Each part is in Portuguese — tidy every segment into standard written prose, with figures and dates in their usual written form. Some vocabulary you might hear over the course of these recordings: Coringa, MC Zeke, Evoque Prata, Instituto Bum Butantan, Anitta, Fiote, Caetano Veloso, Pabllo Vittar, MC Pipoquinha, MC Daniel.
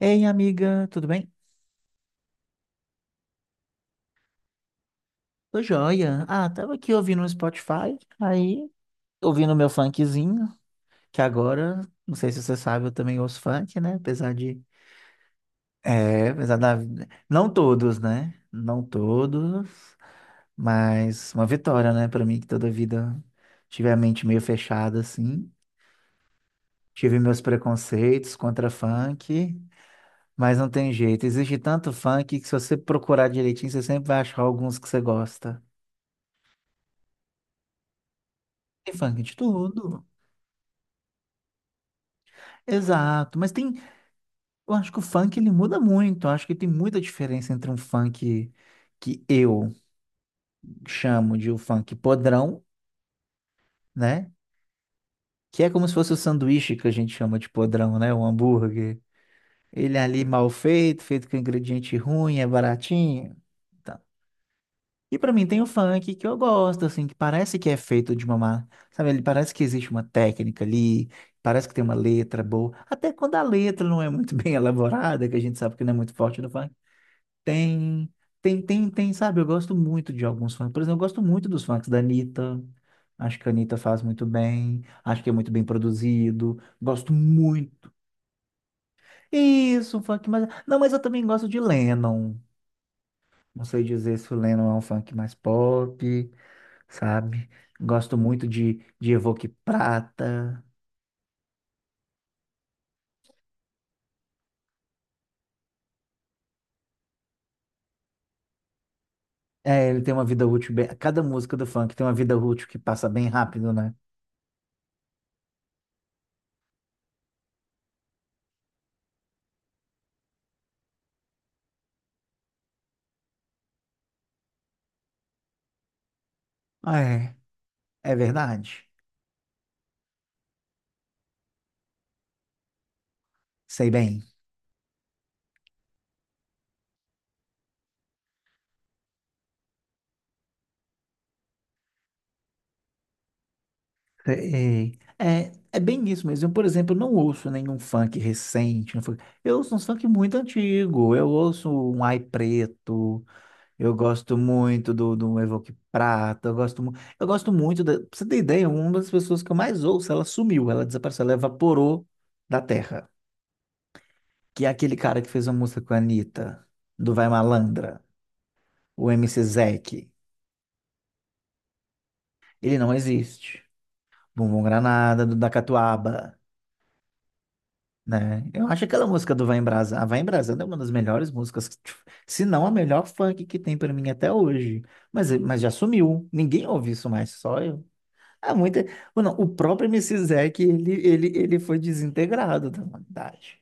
Ei, amiga, tudo bem? Tô joia. Ah, tava aqui ouvindo no Spotify, aí ouvindo meu funkzinho, que agora, não sei se você sabe, eu também ouço funk, né? Apesar de. É, apesar da. Não todos, né? Não todos, mas uma vitória, né? Pra mim, que toda vida tive a mente meio fechada, assim. Tive meus preconceitos contra funk, mas não tem jeito. Existe tanto funk que se você procurar direitinho, você sempre vai achar alguns que você gosta. Tem funk de tudo. Exato, mas tem, eu acho que o funk ele muda muito, eu acho que tem muita diferença entre um funk que eu chamo de o funk podrão, né? Que é como se fosse o sanduíche que a gente chama de podrão, né? O hambúrguer. Ele é ali mal feito, feito com ingrediente ruim, é baratinho. Tá. E pra mim tem o funk que eu gosto, assim, que parece que é feito de uma, sabe, ele parece que existe uma técnica ali, parece que tem uma letra boa, até quando a letra não é muito bem elaborada, que a gente sabe que não é muito forte no funk. Tem, tem, sabe? Eu gosto muito de alguns funks. Por exemplo, eu gosto muito dos funks da Anitta. Acho que a Anitta faz muito bem. Acho que é muito bem produzido. Gosto muito. Isso, um funk mais. Não, mas eu também gosto de Lennon. Não sei dizer se o Lennon é um funk mais pop, sabe? Gosto muito de Evoque Prata. É, ele tem uma vida útil bem. Cada música do funk tem uma vida útil que passa bem rápido, né? Ah, é, é verdade. Sei bem. Sei. É, é bem isso mesmo. Eu, por exemplo, não ouço nenhum funk recente. Não funk- Eu ouço uns funk muito antigo. Eu ouço um Ai Preto. Eu gosto muito do Evoque Prata. Eu gosto, eu gosto muito. Pra você ter ideia, uma das pessoas que eu mais ouço, ela sumiu, ela desapareceu, ela evaporou da terra. Que é aquele cara que fez uma música com a Anitta, do Vai Malandra, o MC Zeke. Ele não existe. Bumbum Granada, do da Catuaba, né? Eu acho aquela música do Vai Embrasar, Vai Embrasando é uma das melhores músicas, que, tipo, se não a melhor funk que tem pra mim até hoje. Mas já sumiu. Ninguém ouve isso mais, só eu. Ah, muita... Não, o próprio MC Zec, ele foi desintegrado da humanidade.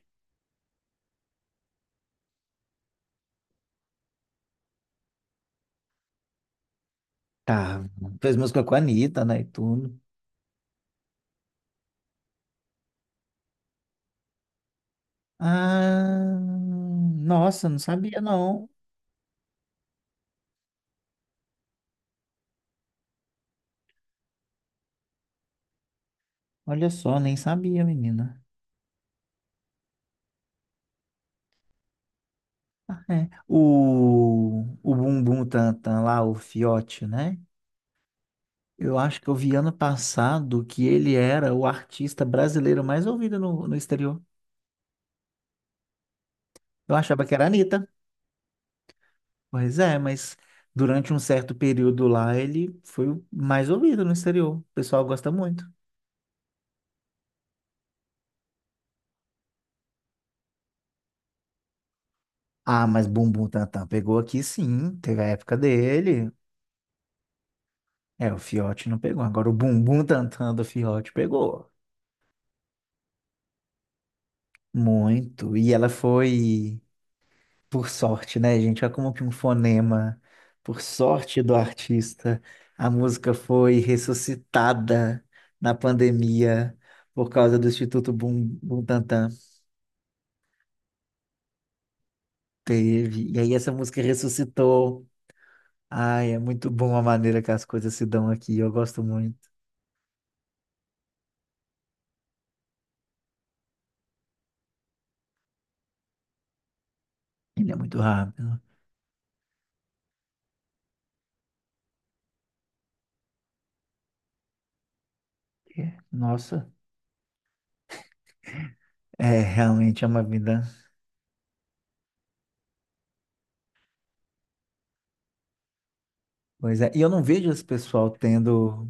Tá, fez música com a Anitta, né, e tudo. Ah, nossa, não sabia não. Olha só, nem sabia, menina. Ah, é. O Bumbum Tantan lá, o Fiote, né? Eu acho que eu vi ano passado que ele era o artista brasileiro mais ouvido no exterior. Eu achava que era a Anitta. Pois é, mas durante um certo período lá ele foi o mais ouvido no exterior. O pessoal gosta muito. Ah, mas Bumbum Tantan pegou aqui sim, teve a época dele. É, o Fiote não pegou. Agora o Bumbum Tantan do Fiote pegou. Muito. E ela foi. Por sorte, né, gente? Olha como que um fonema, por sorte do artista, a música foi ressuscitada na pandemia por causa do Instituto Bum Butantan. Teve. E aí essa música ressuscitou. Ai, é muito bom a maneira que as coisas se dão aqui. Eu gosto muito. Ele é muito rápido. É, nossa. É, realmente é uma vida. Pois é. E eu não vejo esse pessoal tendo.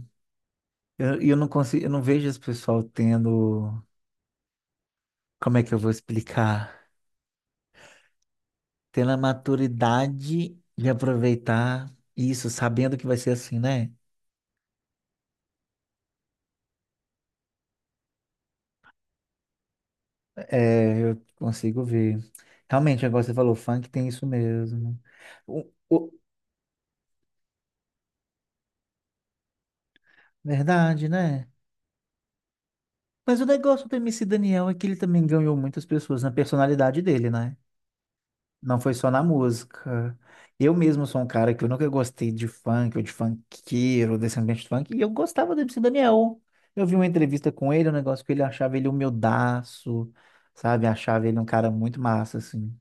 Eu não consigo, eu não vejo esse pessoal tendo. Como é que eu vou explicar? Tendo a maturidade de aproveitar isso, sabendo que vai ser assim, né? É, eu consigo ver. Realmente, agora você falou, funk tem isso mesmo. O- o- Verdade, né? Mas o negócio do MC Daniel é que ele também ganhou muitas pessoas na personalidade dele, né? Não foi só na música. Eu mesmo sou um cara que eu nunca gostei de funk ou de funkeiro, desse ambiente de funk, e eu gostava do MC Daniel. Eu vi uma entrevista com ele, um negócio que ele achava ele humildaço, sabe? Achava ele um cara muito massa, assim.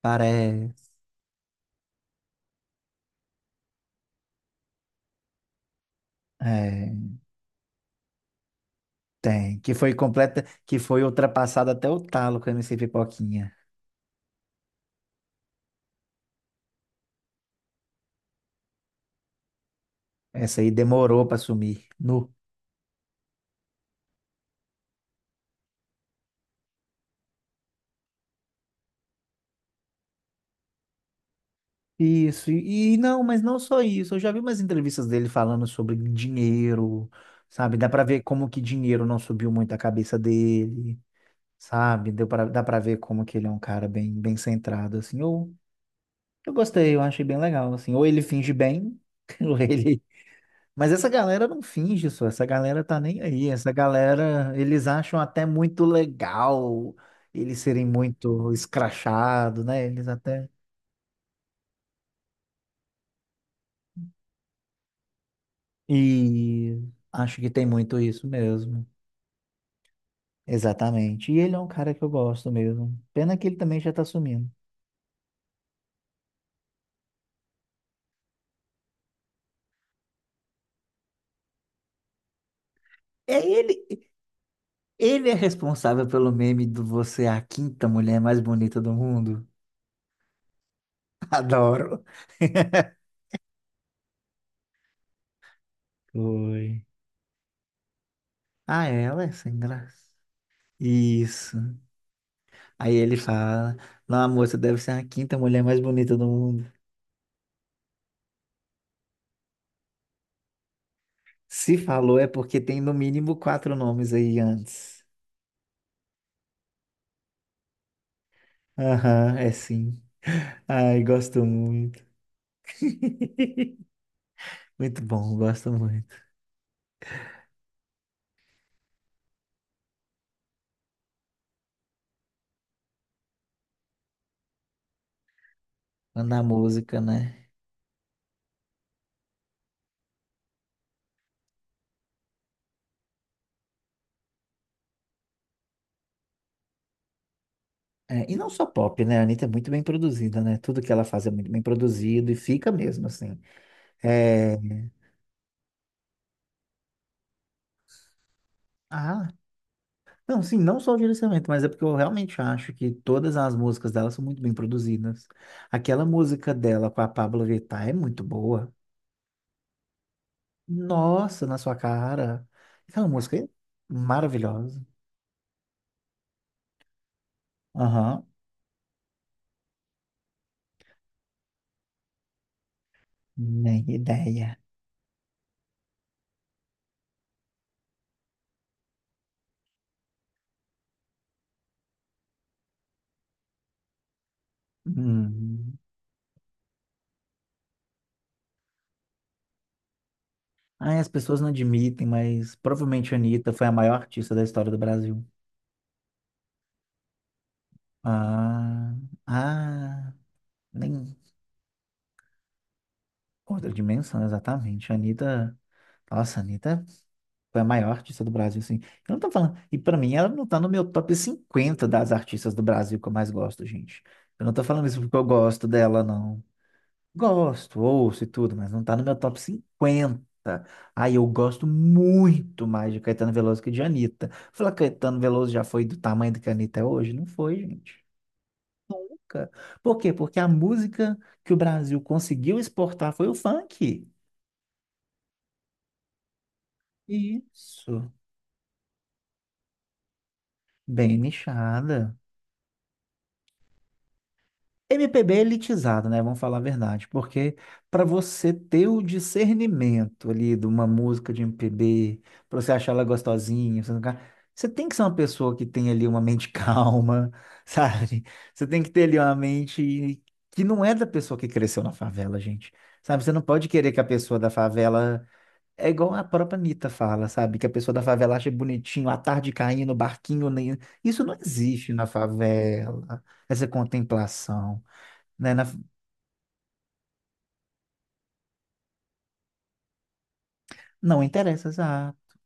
Parece. É, tem. Que foi completa, que foi ultrapassado até o talo com o MC Pipoquinha. Essa aí demorou pra sumir. Nu. Isso, e não, mas não só isso. Eu já vi umas entrevistas dele falando sobre dinheiro, sabe? Dá para ver como que dinheiro não subiu muito a cabeça dele, sabe? Dá para ver como que ele é um cara bem, bem centrado, assim. Eu gostei, eu achei bem legal, assim. Ou ele finge bem, ou ele. Mas essa galera não finge só, essa galera tá nem aí. Essa galera, eles acham até muito legal eles serem muito escrachados, né? Eles até. E acho que tem muito isso mesmo. Exatamente. E ele é um cara que eu gosto mesmo. Pena que ele também já tá sumindo. É ele, ele é responsável pelo meme do você é a quinta mulher mais bonita do mundo. Adoro. Foi. Ah, ela é sem graça. Isso. Aí ele fala: Não, amor, você deve ser a quinta mulher mais bonita do mundo. Se falou é porque tem no mínimo quatro nomes aí antes. Aham, é sim. Ai, gosto muito. Muito bom, gosto muito. Na música, né? É, e não só pop, né? A Anitta é muito bem produzida, né? Tudo que ela faz é muito bem produzido e fica mesmo, assim. É... Ah, não, sim, não só o direcionamento, mas é porque eu realmente acho que todas as músicas dela são muito bem produzidas. Aquela música dela com a Pabllo Vittar é muito boa. Nossa, na sua cara. Aquela música é maravilhosa. Aham, nem ideia. Hum. Ai, as pessoas não admitem, mas provavelmente a Anitta foi a maior artista da história do Brasil. Ah, ah, nem outra dimensão, exatamente. A Anitta, nossa, a Anitta foi a maior artista do Brasil, assim. Eu não tô falando, e pra mim ela não tá no meu top 50 das artistas do Brasil que eu mais gosto, gente. Eu não tô falando isso porque eu gosto dela, não. Gosto, ouço e tudo, mas não tá no meu top 50. Aí eu gosto muito mais de Caetano Veloso que de Anitta. Falar que Caetano Veloso já foi do tamanho do que a Anitta é hoje? Não foi, gente. Nunca. Por quê? Porque a música que o Brasil conseguiu exportar foi o funk. Isso. Bem nichada. MPB é elitizado, né? Vamos falar a verdade, porque para você ter o discernimento ali de uma música de MPB, para você achar ela gostosinha, você, não ca- você tem que ser uma pessoa que tem ali uma mente calma, sabe? Você tem que ter ali uma mente que não é da pessoa que cresceu na favela, gente. Sabe? Você não pode querer que a pessoa da favela. É igual a própria Anitta fala, sabe? Que a pessoa da favela acha bonitinho a tarde caindo, o barquinho. Isso não existe na favela, essa contemplação, né? Não interessa, exato,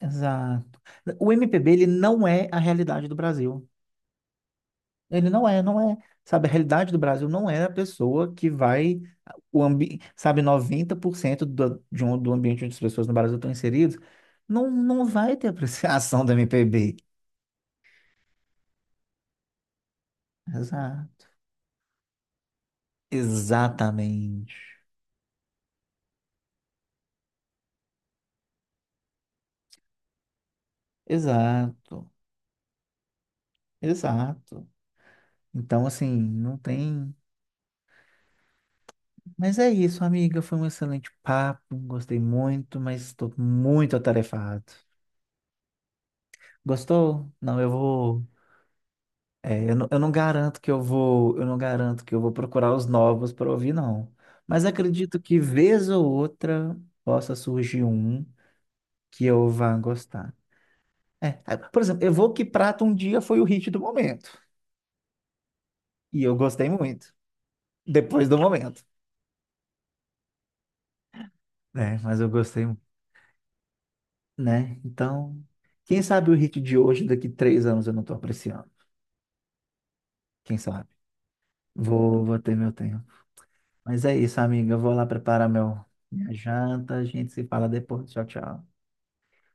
exato. O MPB, ele não é a realidade do Brasil. Ele não é, não é. Sabe, a realidade do Brasil não é a pessoa que vai, sabe, 90% do ambiente onde as pessoas no Brasil estão inseridas, não vai ter apreciação do MPB. Exato. Exatamente. Exato. Exato. Então, assim, não tem. Mas é isso, amiga. Foi um excelente papo. Gostei muito, mas estou muito atarefado. Gostou? Não, eu vou. É, eu não, garanto que eu vou. Eu não garanto que eu vou procurar os novos para ouvir, não. Mas acredito que vez ou outra possa surgir um que eu vá gostar. É, ah, por exemplo, Evoque que Prata um dia foi o hit do momento. E eu gostei muito. Depois do momento. Né? Mas eu gostei, muito, né? Então, quem sabe o hit de hoje, daqui 3 anos, eu não estou apreciando. Quem sabe? Vou ter meu tempo. Mas é isso, amiga. Eu vou lá preparar minha janta. A gente se fala depois. Tchau, tchau.